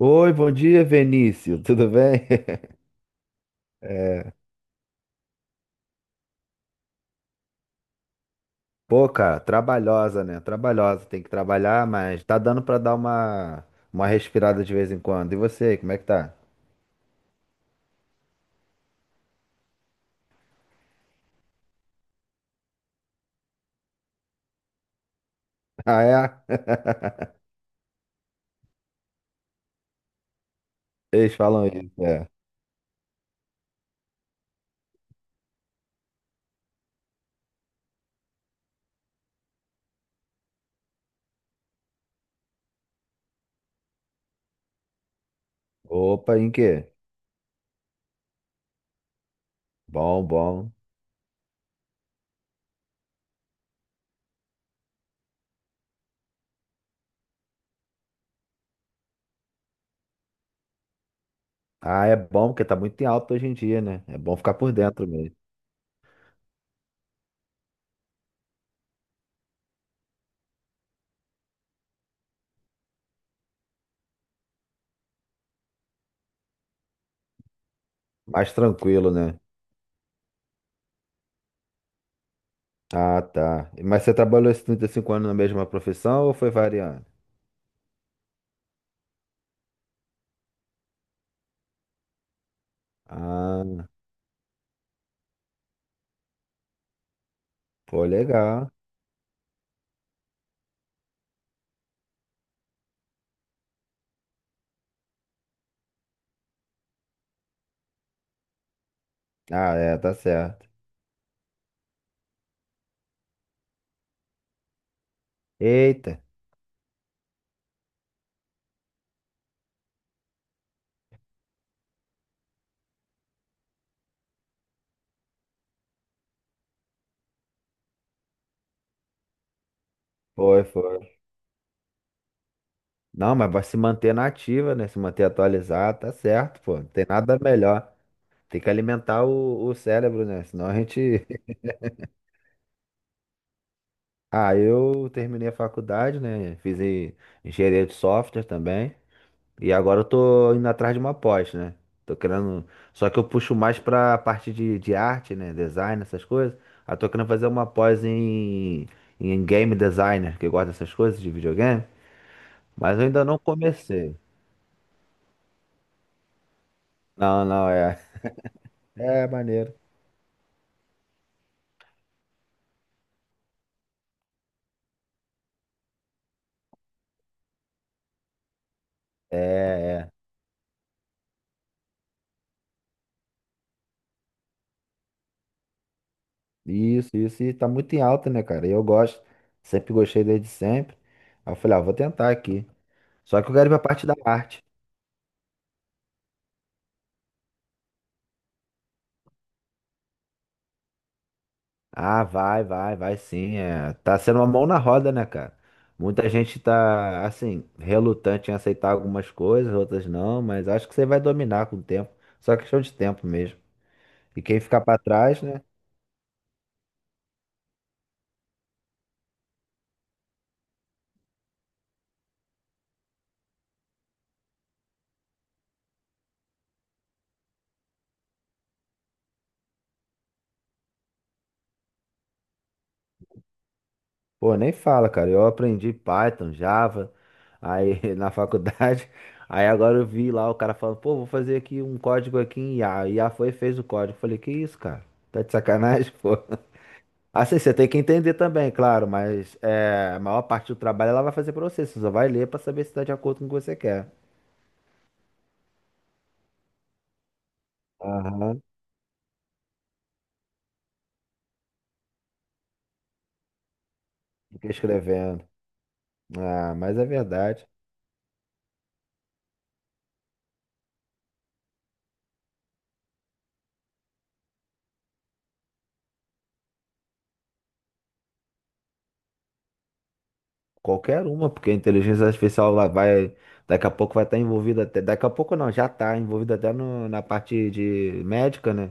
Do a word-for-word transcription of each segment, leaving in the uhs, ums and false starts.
Oi, bom dia, Venício. Tudo bem? Pô, cara, trabalhosa, né? Trabalhosa, tem que trabalhar, mas tá dando pra dar uma uma respirada de vez em quando. E você, como é que tá? Ah, é? Eles falam isso, é. Opa, em quê? Bom, bom. Ah, é bom porque tá muito em alta hoje em dia, né? É bom ficar por dentro mesmo. Mais tranquilo, né? Ah, tá. Mas você trabalhou esses trinta e cinco anos na mesma profissão ou foi variando? Ah, pô, legal. Ah, é, tá certo. Eita, foi, foi. Não, mas vai se manter na ativa, né? Se manter atualizado, tá certo, pô. Não tem nada melhor. Tem que alimentar o, o cérebro, né? Senão a gente. Ah, eu terminei a faculdade, né? Fiz em- engenharia de software também. E agora eu tô indo atrás de uma pós, né? Tô querendo. Só que eu puxo mais pra parte de, de arte, né? Design, essas coisas. Aí tô querendo fazer uma pós em, em game designer, que gosta dessas coisas de videogame. Mas eu ainda não comecei. Não, não, é. É, maneiro. É, é. Isso, isso. E tá muito em alta, né, cara? E eu gosto. Sempre gostei desde sempre. Aí eu falei, ah, vou tentar aqui. Só que eu quero ver a parte da arte. Ah, vai, vai, vai, sim. É. Tá sendo uma mão na roda, né, cara? Muita gente tá, assim, relutante em aceitar algumas coisas, outras não, mas acho que você vai dominar com o tempo. Só questão de tempo mesmo. E quem ficar pra trás, né? Pô, nem fala, cara. Eu aprendi Python, Java, aí na faculdade. Aí agora eu vi lá o cara falando, pô, vou fazer aqui um código aqui em I A. E a foi e fez o código. Falei, que isso, cara? Tá de sacanagem, pô. Assim, você tem que entender também, claro, mas é, a maior parte do trabalho ela vai fazer pra você. Você só vai ler pra saber se tá de acordo com o que você quer. Aham. Fica escrevendo. Ah, mas é verdade. Qualquer uma, porque a inteligência artificial lá vai, daqui a pouco vai estar envolvida até, daqui a pouco não, já está envolvida até no- na parte de médica, né?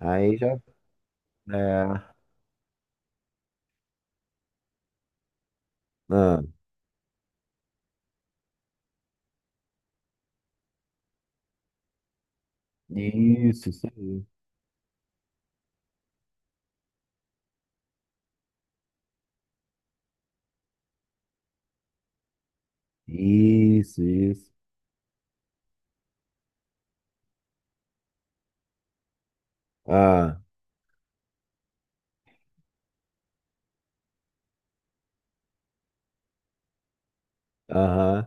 Aí já, é, ah, isso, isso aí. Isso, isso. Ah, aham.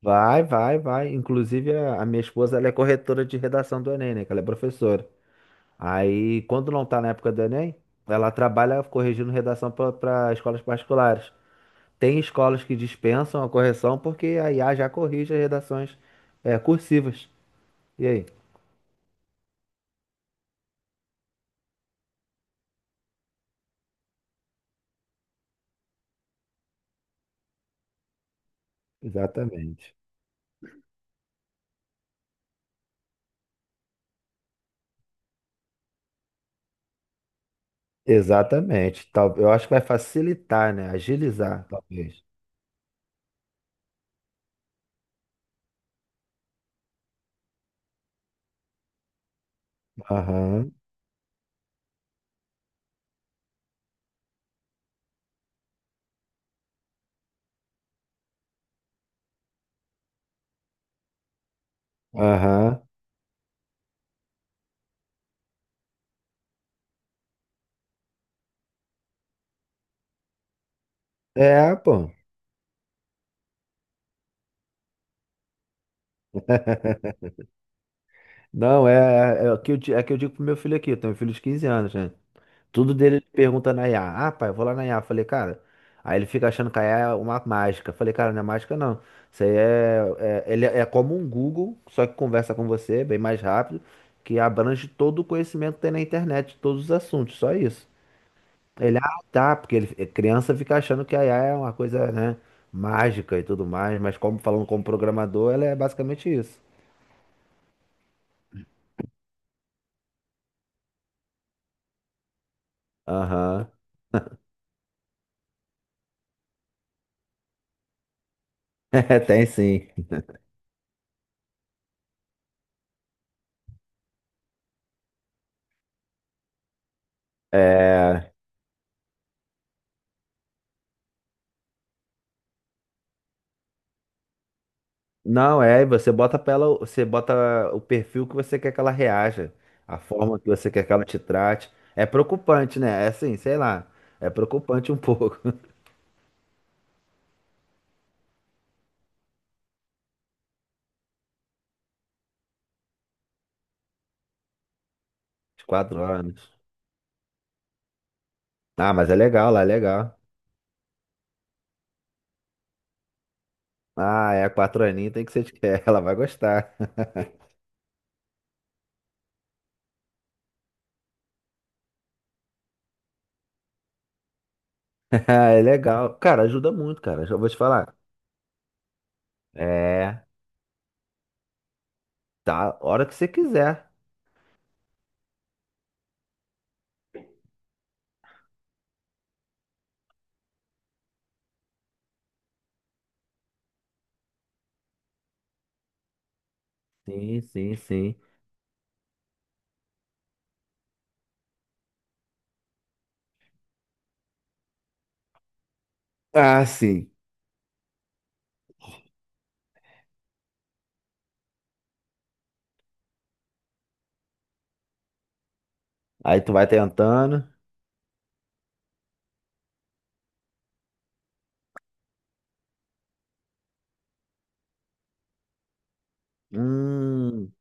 Vai, vai, vai. Inclusive, a, a minha esposa, ela é corretora de redação do Enem, né? Que ela é professora. Aí, quando não tá na época do Enem, ela trabalha corrigindo redação para escolas particulares. Tem escolas que dispensam a correção porque a I A já corrige as redações, é, cursivas. E aí? Exatamente. Exatamente. Tal, eu acho que vai facilitar, né? Agilizar, talvez. Aham, aham. É, pô. Não, é, é, é o que eu, di- é que eu digo pro meu filho aqui. Eu tenho um filho de quinze anos, né? Tudo dele ele pergunta na I A. Ah, pai, eu vou lá na I A. Falei, cara. Aí ele fica achando que a I A é uma mágica. Falei, cara, não é mágica não. Isso aí é, é, ele é como um Google, só que conversa com você bem mais rápido, que abrange todo o conhecimento que tem na internet, todos os assuntos, só isso. Ele, ah, tá, porque ele, é, criança fica achando que a I A é uma coisa, né, mágica e tudo mais, mas como falando como programador, ela é basicamente isso. Aham. Tem sim. É. Não, é, você bota pra ela, você bota o perfil que você quer que ela reaja, a forma que você quer que ela te trate. É preocupante, né? É assim, sei lá. É preocupante um pouco. De quatro anos. Ah, mas é legal, lá é legal. Ah, é, quatro aninhos tem que ser de ela vai gostar. É legal. Cara, ajuda muito, cara. Já vou te falar. É, tá, hora que você quiser. Sim, sim, sim. Ah, sim. Aí tu vai tentando. Hum.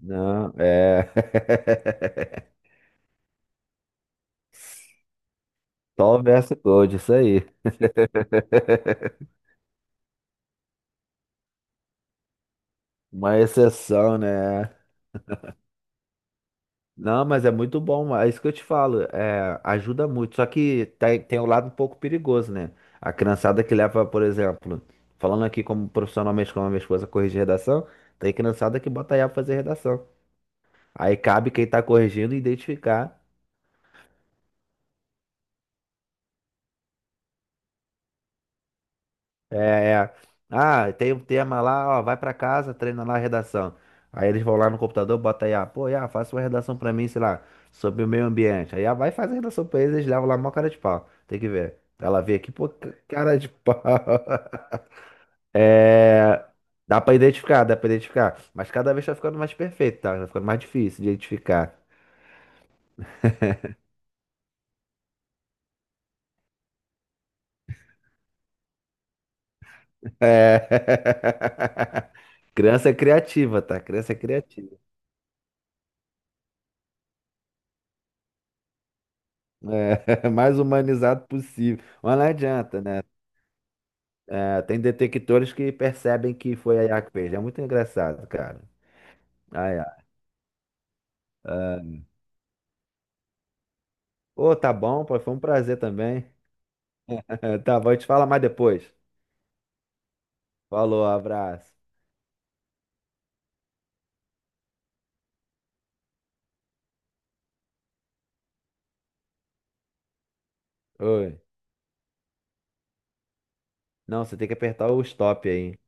Não, é. Só o verso code, isso aí. Uma exceção, né? Não, mas é muito bom, é isso que eu te falo, é, ajuda muito. Só que tem, tem um lado um pouco perigoso, né? A criançada que leva, por exemplo, falando aqui como profissionalmente como a minha esposa corrigir redação, tem criançada que bota aí pra fazer redação. Aí cabe quem tá corrigindo identificar. É, é. Ah, tem um tema lá, ó, vai pra casa, treina lá a redação. Aí eles vão lá no computador, bota aí, ah, pô, Iá, faça uma redação pra mim, sei lá, sobre o meio ambiente. Aí, ah, vai fazer a redação pra eles, eles levam lá mó cara de pau. Tem que ver. Ela vê aqui, pô, ca- cara de pau. É, dá pra identificar, dá pra identificar. Mas cada vez tá ficando mais perfeito, tá? Tá ficando mais difícil de identificar. É. Criança é criativa, tá? Criança é criativa. É, mais humanizado possível. Mas não adianta, né? É, tem detectores que percebem que foi a I A que fez. É muito engraçado, cara. Ai, ai. Ô, tá bom, pô, foi um prazer também. Tá bom, a gente fala mais depois. Falou, abraço. Oi. Não, você tem que apertar o stop aí.